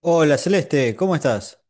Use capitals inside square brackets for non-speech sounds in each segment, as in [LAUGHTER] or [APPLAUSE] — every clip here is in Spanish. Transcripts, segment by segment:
Hola Celeste, ¿cómo estás?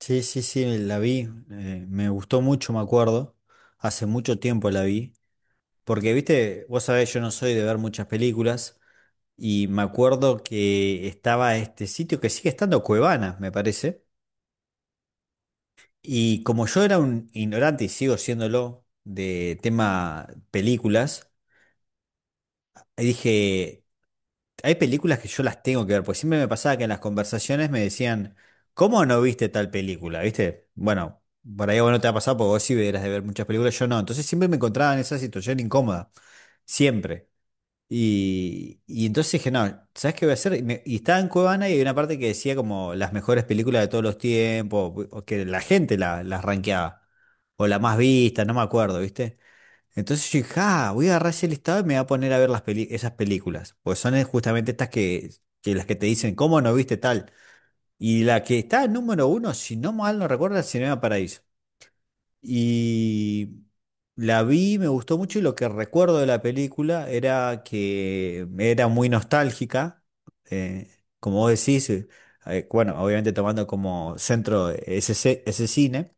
Sí, sí, sí, la vi, me gustó mucho, me acuerdo, hace mucho tiempo la vi, porque viste, vos sabés, yo no soy de ver muchas películas y me acuerdo que estaba este sitio que sigue estando Cuevana, me parece. Y como yo era un ignorante y sigo siéndolo de tema películas, dije, hay películas que yo las tengo que ver, porque siempre me pasaba que en las conversaciones me decían, ¿cómo no viste tal película? ¿Viste? Bueno, por ahí a vos no te ha pasado porque vos sí eras de ver muchas películas, yo no. Entonces siempre me encontraba en esa situación incómoda, siempre. Y entonces dije, no, ¿sabes qué voy a hacer? Y estaba en Cuevana y hay una parte que decía como las mejores películas de todos los tiempos, o que la gente las rankeaba, o la más vista, no me acuerdo, ¿viste? Entonces yo dije, ah, voy a agarrar ese listado y me voy a poner a ver esas películas. Pues son justamente estas que las que te dicen, ¿cómo no viste tal? Y la que está en número uno, si no mal no recuerdo, es Cinema Paraíso. Y la vi, me gustó mucho y lo que recuerdo de la película era que era muy nostálgica. eh, Como vos decís, bueno, obviamente tomando como centro ese cine.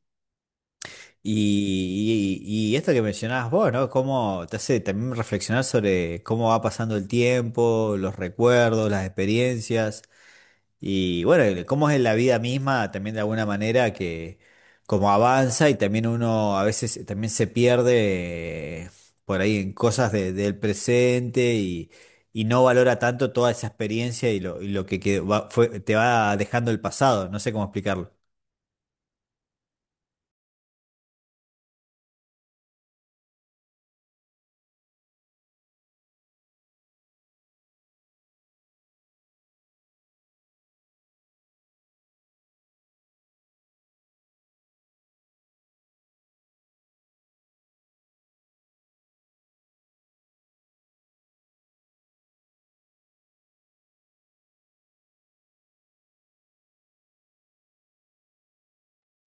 Y esto que mencionabas vos, ¿no? Cómo te hace también reflexionar sobre cómo va pasando el tiempo, los recuerdos, las experiencias, y bueno, cómo es la vida misma también de alguna manera que como avanza, y también uno a veces también se pierde por ahí en cosas del presente, y no valora tanto toda esa experiencia y lo que te va dejando el pasado, no sé cómo explicarlo.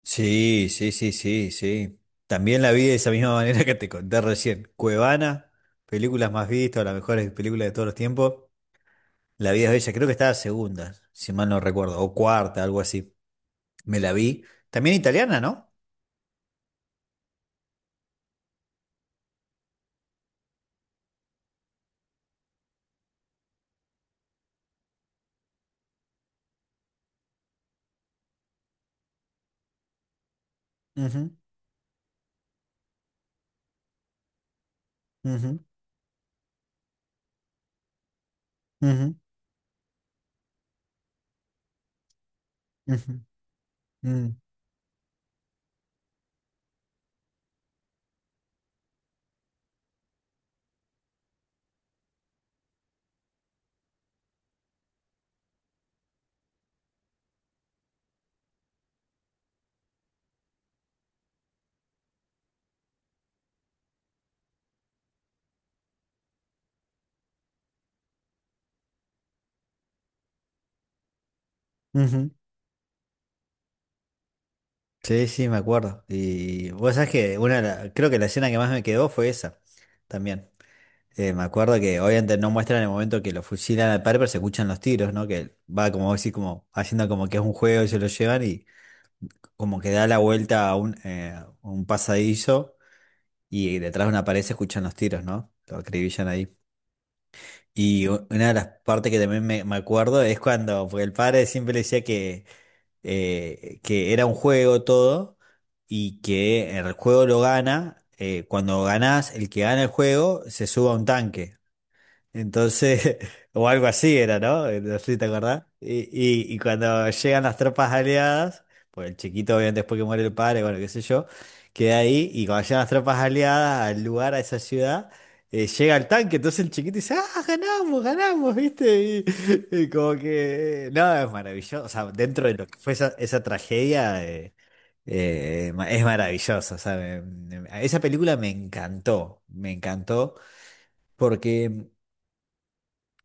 Sí, sí, sí, sí, sí. También la vi de esa misma [LAUGHS] manera que te conté recién. Cuevana, películas más vistas, las mejores películas de todos los tiempos. La vida es bella, creo que estaba segunda, si mal no recuerdo, o cuarta, algo así. Me la vi. También italiana, ¿no? Ujú, ujú, ujú, ujú, mm, ujú. Sí, sí, me acuerdo. Y vos sabés que una, creo que la escena que más me quedó fue esa, también. Me acuerdo que obviamente no muestran el momento que lo fusilan al padre, pero se escuchan los tiros, ¿no? Que va como así, como haciendo como que es un juego y se lo llevan, y como que da la vuelta a un pasadizo, y detrás de una pared se escuchan los tiros, ¿no? Lo acribillan ahí. Y una de las partes que también me acuerdo es cuando, porque el padre siempre le decía que era un juego todo y que el juego lo gana. Cuando ganás, el que gana el juego se sube a un tanque. Entonces, [LAUGHS] o algo así era, ¿no? No sé si te acordás. Y cuando llegan las tropas aliadas, pues el chiquito, obviamente, después que muere el padre, bueno, qué sé yo, queda ahí. Y cuando llegan las tropas aliadas al lugar, a esa ciudad, llega el tanque. Entonces el chiquito dice, ¡ah, ganamos, ganamos! ¿Viste? Y como que. No, es maravilloso. O sea, dentro de lo que fue esa, esa tragedia. Es maravilloso, o sea, esa película me encantó, porque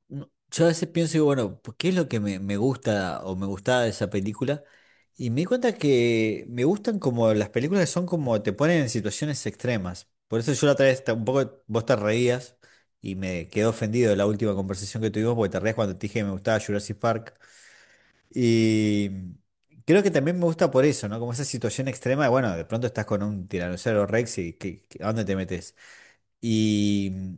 yo a veces pienso, digo, bueno, pues, ¿qué es lo que me gusta o me gustaba de esa película? Y me di cuenta que me gustan como las películas que son como te ponen en situaciones extremas. Por eso yo la otra vez un poco vos te reías y me quedé ofendido de la última conversación que tuvimos porque te reías cuando te dije que me gustaba Jurassic Park. Y creo que también me gusta por eso, ¿no? Como esa situación extrema de, bueno, de pronto estás con un tiranosaurio Rex y ¿a dónde te metes? Y.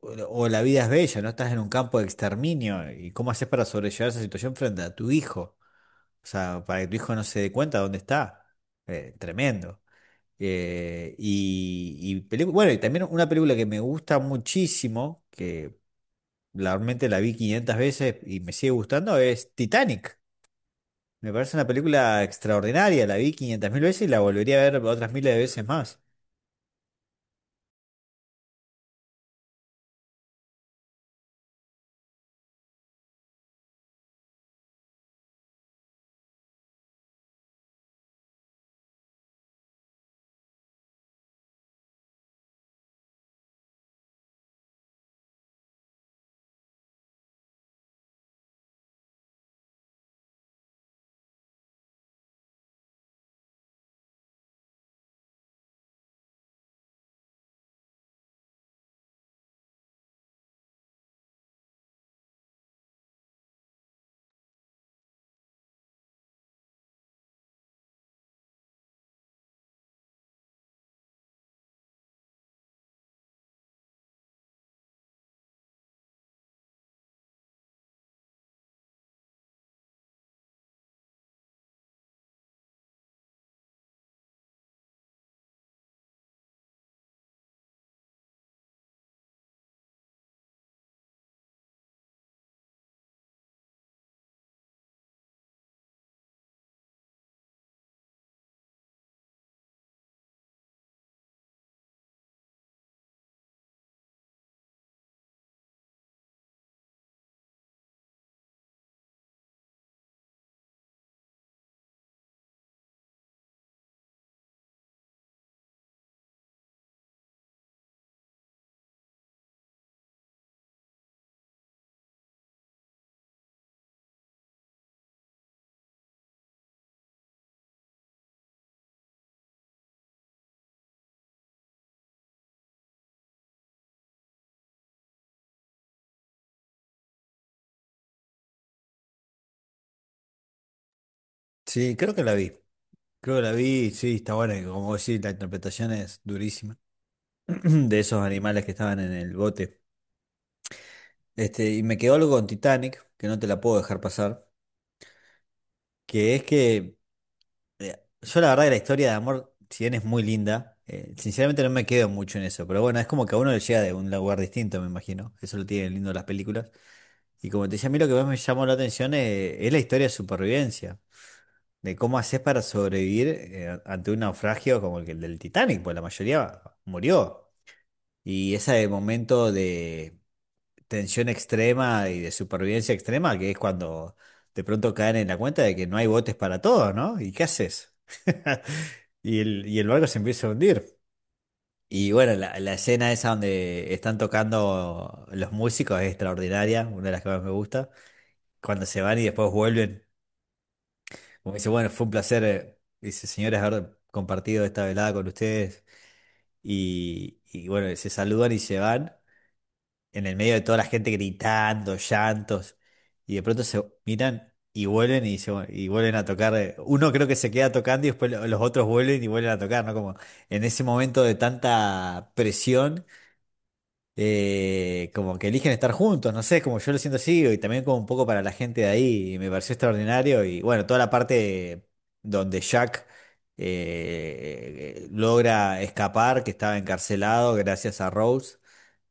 O la vida es bella, no estás en un campo de exterminio. ¿Y cómo haces para sobrellevar esa situación frente a tu hijo? O sea, para que tu hijo no se dé cuenta de dónde está. Tremendo. Bueno, y también una película que me gusta muchísimo, que realmente la vi 500 veces y me sigue gustando, es Titanic. Me parece una película extraordinaria, la vi 500 mil veces y la volvería a ver otras miles de veces más. Sí, creo que la vi. Creo que la vi, sí, está buena, y como vos decís, la interpretación es durísima. [CLEARS THROAT] De esos animales que estaban en el bote. Este, y me quedó algo con Titanic, que no te la puedo dejar pasar, que es que yo la verdad que la historia de amor, si bien es muy linda, sinceramente no me quedo mucho en eso, pero bueno, es como que a uno le llega de un lugar distinto, me imagino, eso lo tienen lindo las películas. Y como te decía, a mí lo que más me llamó la atención es la historia de supervivencia, de cómo haces para sobrevivir ante un naufragio como el del Titanic, pues la mayoría murió. Y ese momento de tensión extrema y de supervivencia extrema, que es cuando de pronto caen en la cuenta de que no hay botes para todos, ¿no? ¿Y qué haces? [LAUGHS] Y el barco se empieza a hundir. Y bueno, la escena esa donde están tocando los músicos es extraordinaria, una de las que más me gusta. Cuando se van y después vuelven, como dice, bueno, fue un placer, dice, señores, haber compartido esta velada con ustedes. Y bueno, se saludan y se van, en el medio de toda la gente gritando, llantos, y de pronto se miran y vuelven y vuelven a tocar. Uno creo que se queda tocando y después los otros vuelven y vuelven a tocar, ¿no? Como en ese momento de tanta presión, como que eligen estar juntos, no sé, como yo lo siento así, y también como un poco para la gente de ahí, y me pareció extraordinario. Y bueno, toda la parte donde Jack... logra escapar, que estaba encarcelado gracias a Rose.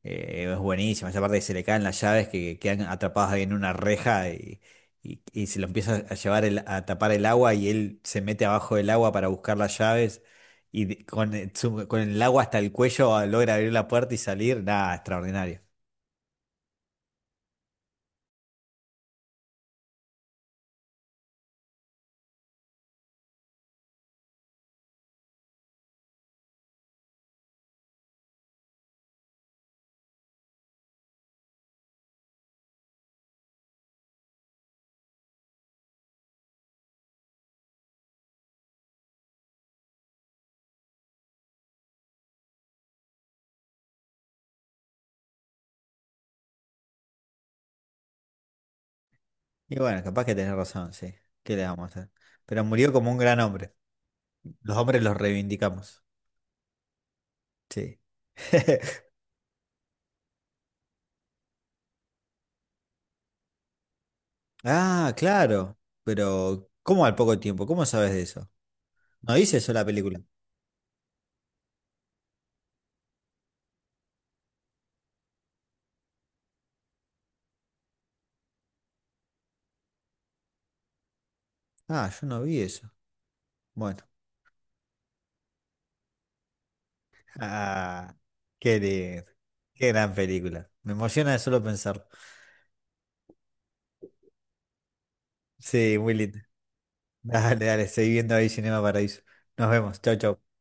Es buenísima, esa parte que se le caen las llaves que quedan atrapadas ahí en una reja, y se lo empieza a llevar a tapar el agua, y él se mete abajo del agua para buscar las llaves y con el agua hasta el cuello, ah, logra abrir la puerta y salir. Nada, extraordinario. Y bueno, capaz que tenés razón, sí. ¿Qué le vamos a hacer? Pero murió como un gran hombre. Los hombres los reivindicamos. Sí. [LAUGHS] Ah, claro. Pero, ¿cómo al poco tiempo? ¿Cómo sabes de eso? ¿No dice eso la película? Ah, yo no vi eso. Bueno. Ah, qué lindo. Qué gran película. Me emociona de solo pensarlo. Sí, muy linda. Dale, dale, seguí viendo ahí Cinema Paraíso. Nos vemos. Chau, chau.